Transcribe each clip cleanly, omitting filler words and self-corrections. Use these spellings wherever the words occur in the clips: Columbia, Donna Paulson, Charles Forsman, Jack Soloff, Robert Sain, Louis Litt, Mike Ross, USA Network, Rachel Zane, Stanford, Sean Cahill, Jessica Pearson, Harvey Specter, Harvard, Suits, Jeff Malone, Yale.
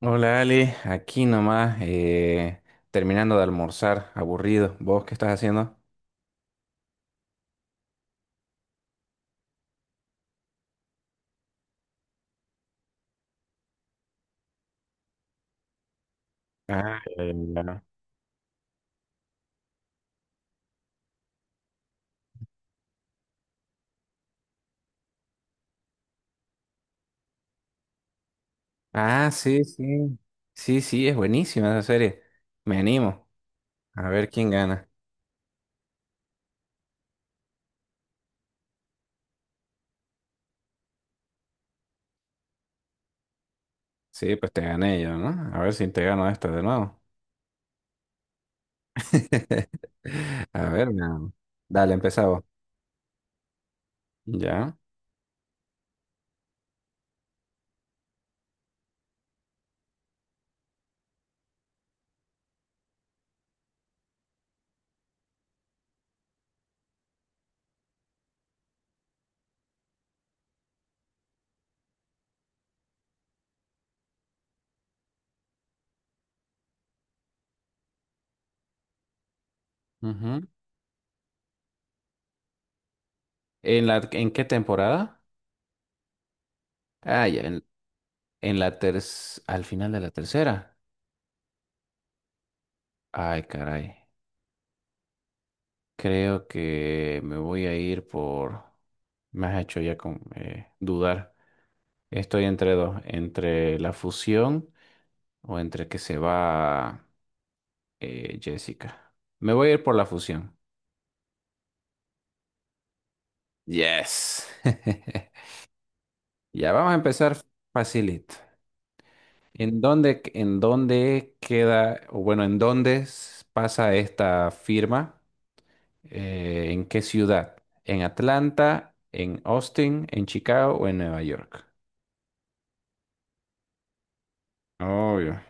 Hola Ali, aquí nomás, terminando de almorzar, aburrido. ¿Vos qué estás haciendo? Ah, ya. Ah, sí, sí. Sí, sí, es buenísima esa serie. Me animo. A ver quién gana. Sí, pues te gané yo, ¿no? A ver si te gano esta de nuevo. A ver, no. Dale, empezamos. Ya. Ujú. ¿En la, en qué temporada? Ah, ya, en, en la ter- al final de la tercera. Ay, caray. Creo que me voy a ir por... Me has hecho ya con, dudar. Estoy entre dos, entre la fusión o entre que se va Jessica. Me voy a ir por la fusión. Yes. Ya vamos a empezar facilito. ¿En dónde queda, o bueno, pasa esta firma? ¿En qué ciudad? ¿En Atlanta? ¿En Austin? ¿En Chicago o en Nueva York? Obvio.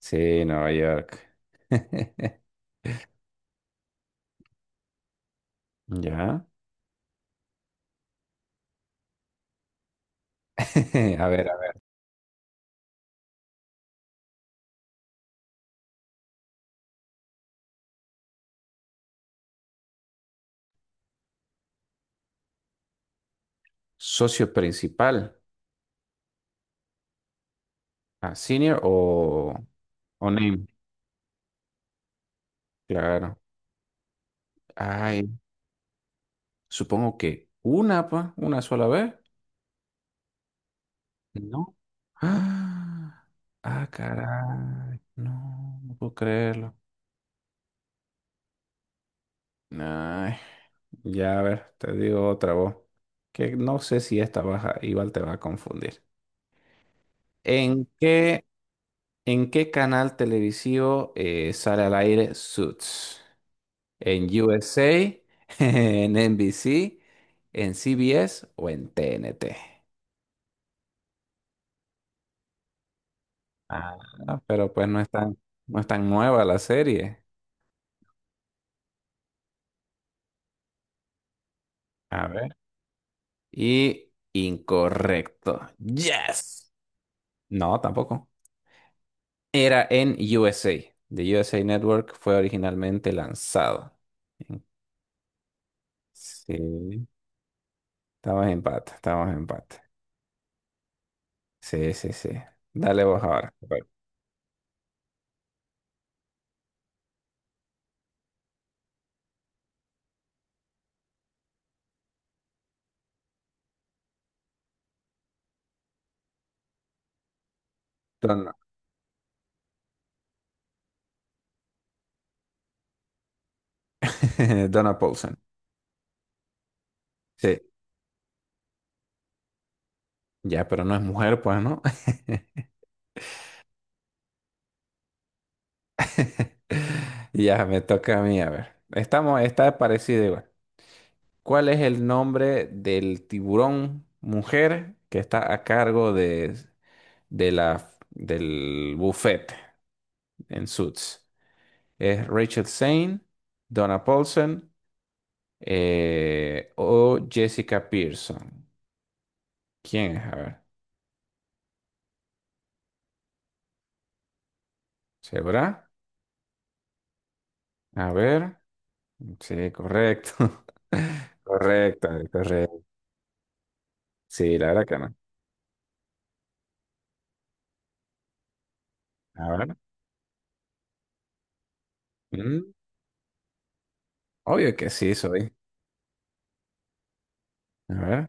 Sí, Nueva York. Ya. A ver, a ver. Socio principal. Ah, senior o name. Claro. Ay, supongo que una, pa, una sola vez. No. Ah, ah, caray. No, no puedo creerlo. Ay, ya, a ver, te digo otra voz. Que no sé si esta baja igual te va a confundir. ¿En qué ¿En qué canal televisivo sale al aire Suits? ¿En USA, en NBC, en CBS o en TNT? Ah, pero pues no es tan, no es tan nueva la serie. A ver. Y incorrecto. Yes. No, tampoco. Era en USA. The USA Network fue originalmente lanzado. Sí. Estamos en empate, estamos en empate. Sí, sí, sí. Dale vos ahora. Donna, Donna Paulson. Sí, ya, pero no es mujer, pues, ¿no? Ya, me toca a mí, a ver. Estamos, está parecida igual. ¿Cuál es el nombre del tiburón mujer que está a cargo de, del buffet en Suits? ¿Es Rachel Zane, Donna Paulson o Jessica Pearson? ¿Quién es? A ver. ¿Sabrá? A ver. Sí, correcto. Correcto, correcto. Sí, la verdad que no. A ver. mm, Obvio que sí soy. A ver.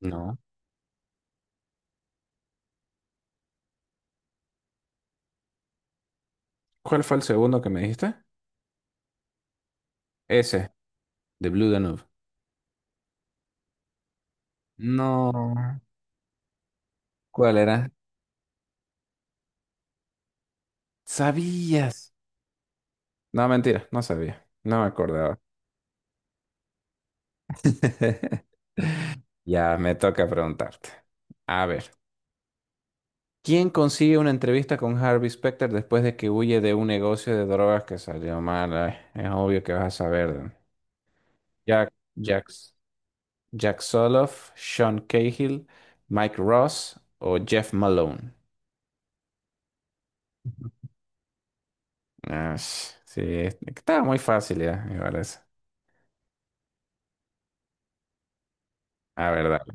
No. ¿Cuál fue el segundo que me dijiste? Ese, de Blue Danube. No. ¿Cuál era? ¿Sabías? No, mentira, no sabía. No me acordaba. Ya me toca preguntarte. A ver. ¿Quién consigue una entrevista con Harvey Specter después de que huye de un negocio de drogas que salió mal? Ay, es obvio que vas a saber. Jack. Jack Soloff, Sean Cahill, Mike Ross o Jeff Malone. Ah, sí, estaba muy fácil ya, me parece. A ver, dale.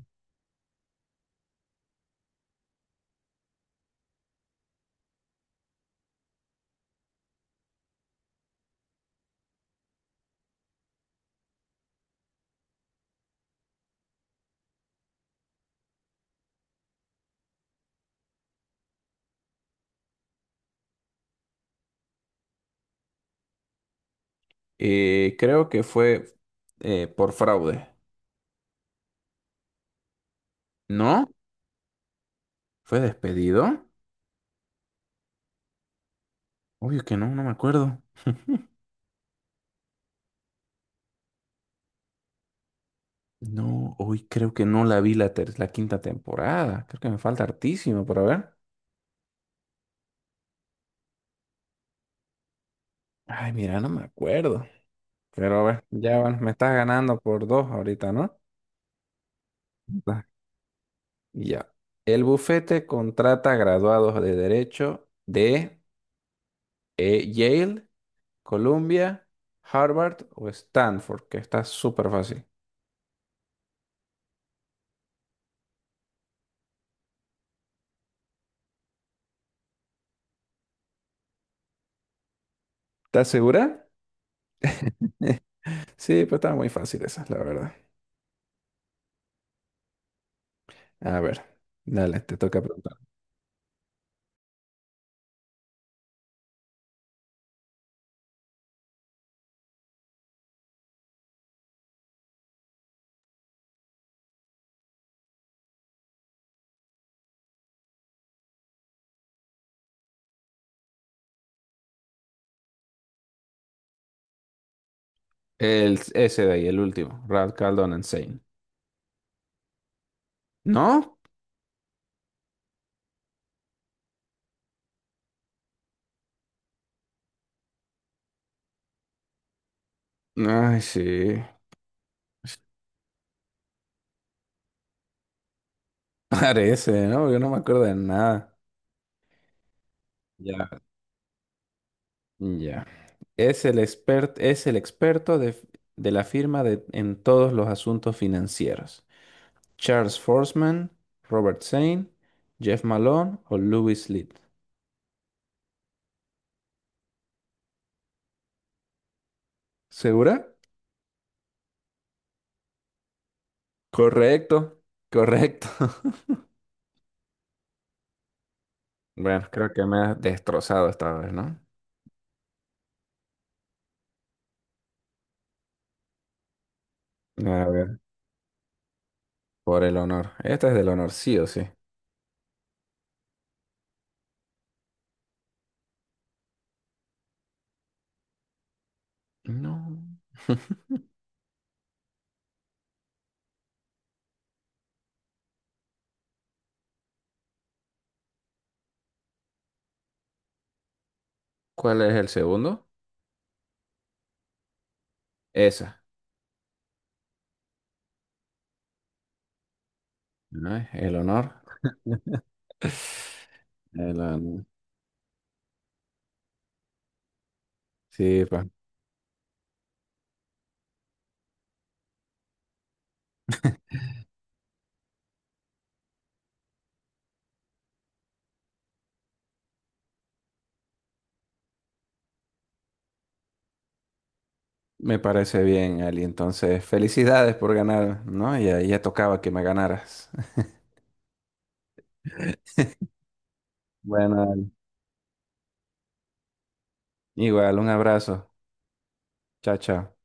Creo que fue por fraude. ¿No? ¿Fue despedido? Obvio que no, no me acuerdo. No, hoy creo que no la vi la quinta temporada. Creo que me falta hartísimo por ver. Ay, mira, no me acuerdo. Pero a ver, ya bueno, me estás ganando por dos ahorita, ¿no? Ya. El bufete contrata graduados de Derecho de Yale, Columbia, Harvard o Stanford, que está súper fácil. ¿Estás segura? Sí, pues está muy fácil esa, la verdad. A ver, dale, te toca preguntar. El ese de ahí, el último, Ralph Caldón Insane. ¿No? Ay, sí. Parece, ¿no? Yo no me acuerdo de nada. Ya. Ya. Es el experto de, de la firma en todos los asuntos financieros. Charles Forsman, Robert Sain, Jeff Malone o Louis Litt. ¿Segura? Correcto, correcto. Bueno, creo que me has destrozado esta vez, ¿no? A ver, por el honor. Esta es del honor, sí o sí. No. ¿Cuál es el segundo? Esa. ¿No es? El honor. El honor. Sí, pues. Me parece bien, Ali. Entonces, felicidades por ganar, ¿no? Ya, ya tocaba que me ganaras. Bueno, Ali. Igual, un abrazo. Chao, chao.